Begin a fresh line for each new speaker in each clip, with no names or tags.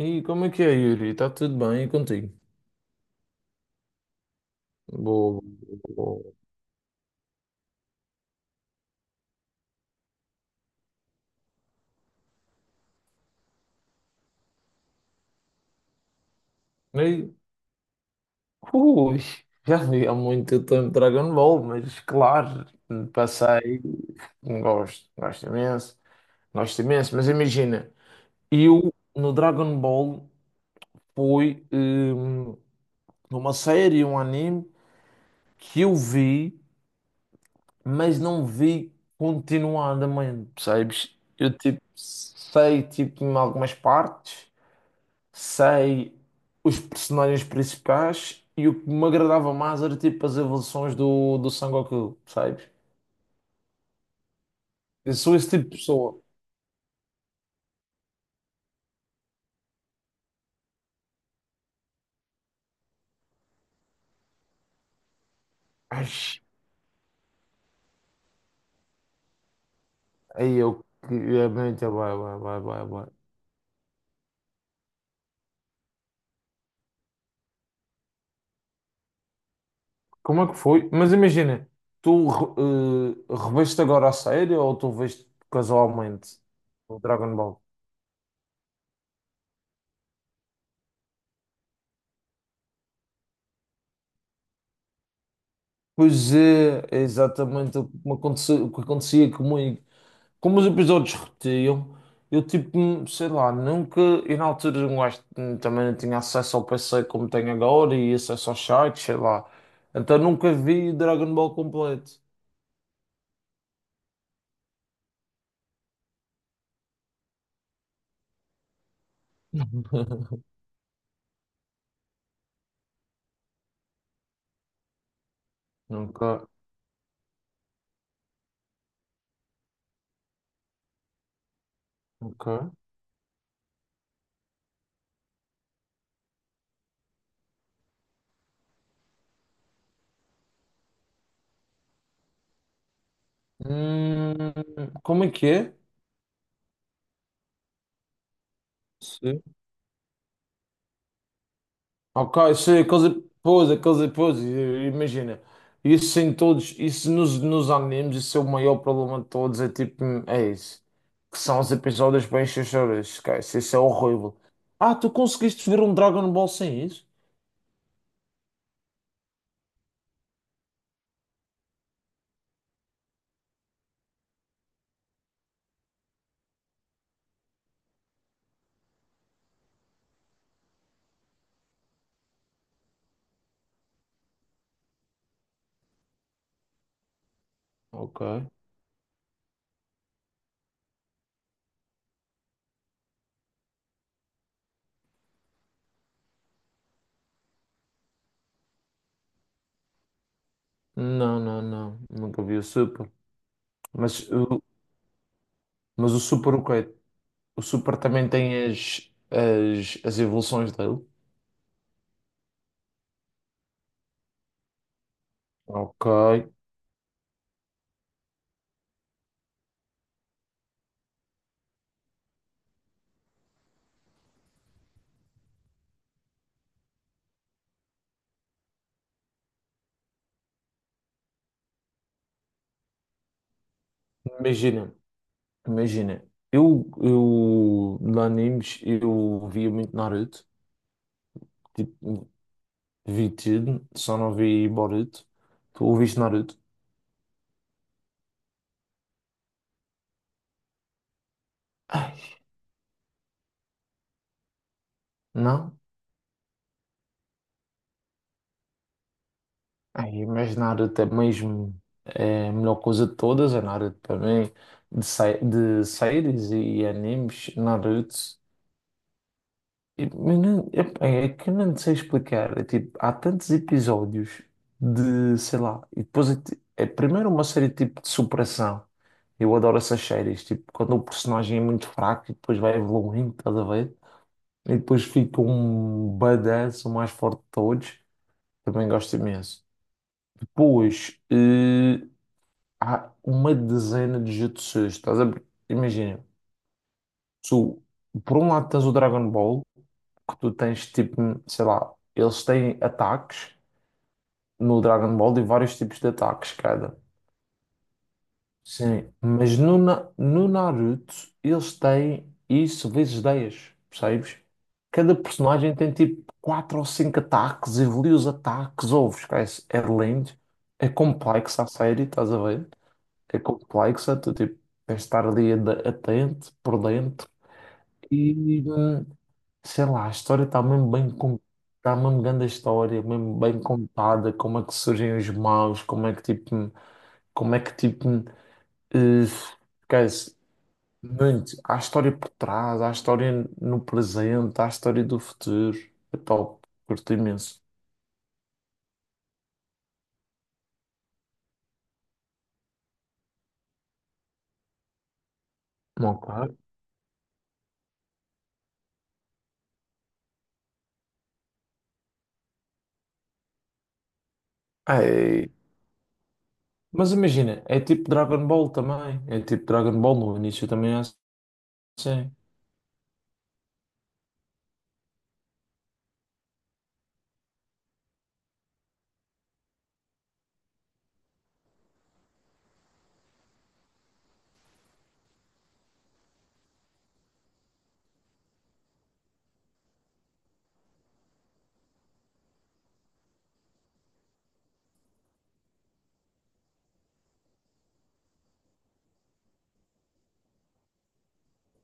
E como é que é, Yuri? Está tudo bem e contigo? Boa, boa. E, ui, Já vi há muito tempo Dragon Ball, mas claro, passei, gosto, gosto imenso, mas imagina, eu no Dragon Ball foi uma série, um anime que eu vi, mas não vi continuadamente, percebes? Eu tipo sei tipo em algumas partes sei os personagens principais e o que me agradava mais era tipo as evoluções do Sangoku, sabes? Eu sou esse tipo de pessoa. Ai, aí eu que é muito vai, vai, vai, vai, vai. Como é que foi? Mas imagina, tu reveste agora a série ou tu veste casualmente o Dragon Ball? Pois é, é exatamente o que me aconteceu, o que acontecia comigo. Como os episódios repetiam, eu tipo, sei lá, nunca. E na altura um gajo também não tinha acesso ao PC como tenho agora e acesso aos sites, sei lá. Então nunca vi Dragon Ball completo. Nunca, nunca. Hum, como é que é? Ok, sim, aqueles pois, imagina, isso em todos, isso nos animes, isso é o maior problema de todos, é tipo, é isso, que são os episódios bem xoxoras, esquece, isso é horrível. Ah, tu conseguiste ver um Dragon Ball sem isso? Ok. Não, nunca vi o Super, mas, o- mas o Super o quê? O Super também tem as evoluções dele? Ok, imagina. Imagina, eu de animes eu via muito Naruto, tipo, vi tudo, só não vi Boruto. Tu ouviste Naruto? Ai, não? Ai, mas Naruto é mesmo é a melhor coisa de todas, é Naruto para mim, de séries e animes, Naruto. Eu não- eu- É que eu não sei explicar. É tipo, há tantos episódios de, sei lá, e depois é, é primeiro uma série tipo de superação. Eu adoro essas séries, tipo, quando o personagem é muito fraco e depois vai evoluindo, estás a ver? E depois fica um badass, o mais forte de todos. Também gosto imenso. Depois, há uma dezena de jutsus, estás a ver? Imagina, tu, por um lado tens o Dragon Ball, que tu tens tipo, sei lá, eles têm ataques no Dragon Ball e vários tipos de ataques cada. Sim, mas no Naruto eles têm isso vezes dez, percebes? Cada personagem tem tipo 4 ou 5 ataques, evolui os ataques, ouves, esquece, é lindo, é complexo a série, estás a ver? É complexa, tu tipo, tens de estar ali atento, por dentro. E, hum, sei lá, a história está mesmo bem contada, está mesmo grande a história, mesmo bem contada, como é que surgem os maus, como é que tipo, esquece, muito, há história por trás, há história no presente, há história do futuro, é top, curto imenso. Ok. É, mas imagina, é tipo Dragon Ball também, é tipo Dragon Ball no início também é assim.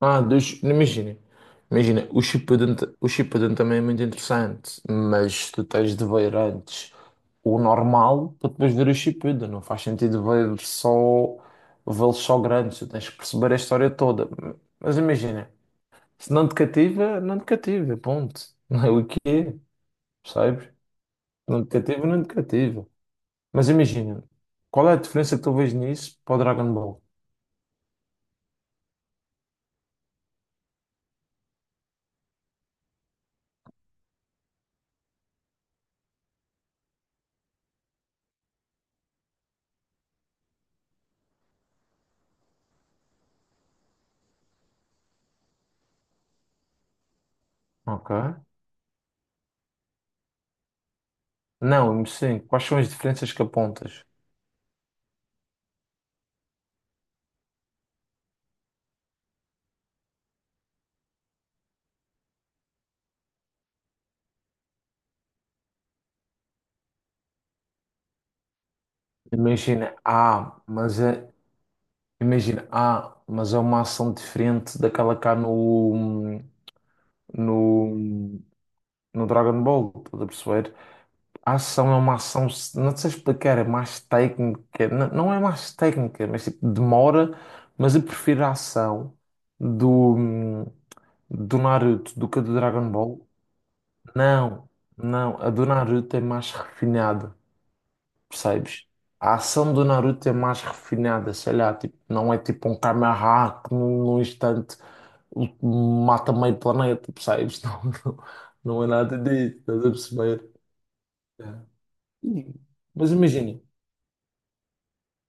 Ah, dos, imagina, o Shippuden também é muito interessante, mas tu tens de ver antes o normal para depois ver o Shippuden, não faz sentido ver só, vê-los só grandes, tu tens que perceber a história toda. Mas imagina, se não te cativa, não te cativa, ponto. Não é o que é, percebes? Não te cativa. Mas imagina, qual é a diferença que tu vês nisso para o Dragon Ball? Ok? Não, sim, quais são as diferenças que apontas? Imagina, ah, mas é, imagina, ah, mas é uma ação diferente daquela cá no, no Dragon Ball, estás a perceber? A ação é uma ação, não sei explicar, é mais técnica, não, não é mais técnica, mas tipo, demora, mas eu prefiro a ação do, do Naruto do que a do Dragon Ball. Não, não, a do Naruto é mais refinada. Percebes? A ação do Naruto é mais refinada, sei lá, tipo, não é tipo um Kamehameha que num instante mata meio planeta, percebes? Não, não é nada disso, estás a perceber? É. E- Mas imagina,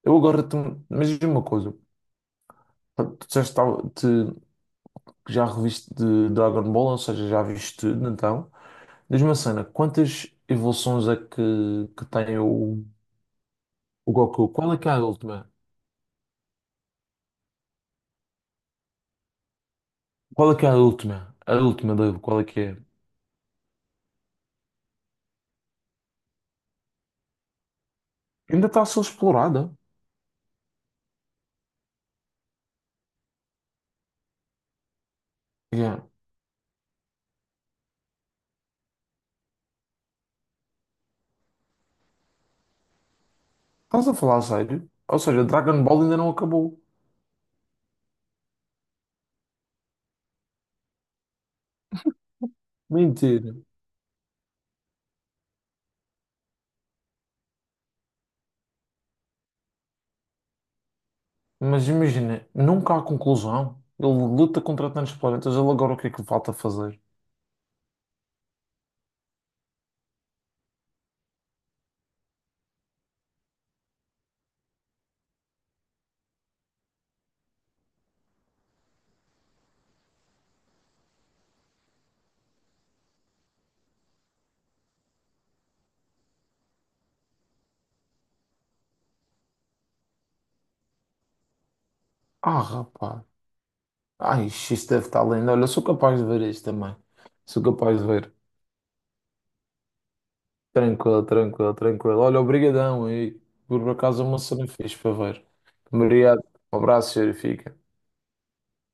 eu agora, te, mas diz-me uma coisa, tu disseste que que já reviste de Dragon Ball, ou seja, já viste tudo, então, diz-me uma cena, quantas evoluções é que tem o Goku? Qual é que é a última? A última, Dave, qual é que é? Ainda está a ser explorada. Yeah. Estás a falar a sério? Ou seja, Dragon Ball ainda não acabou. Mentira. Mas imagina, nunca há conclusão. Ele luta contra tantos planetas, ele agora o que é que falta fazer? Ah, rapaz. Ai, isto isto deve estar lindo. Olha, eu sou capaz de ver isto também. Sou capaz de ver. Tranquilo, tranquilo, tranquilo. Olha, obrigadão aí. Por acaso é uma cena fixe para ver. Obrigado. Um abraço, senhor. Fica.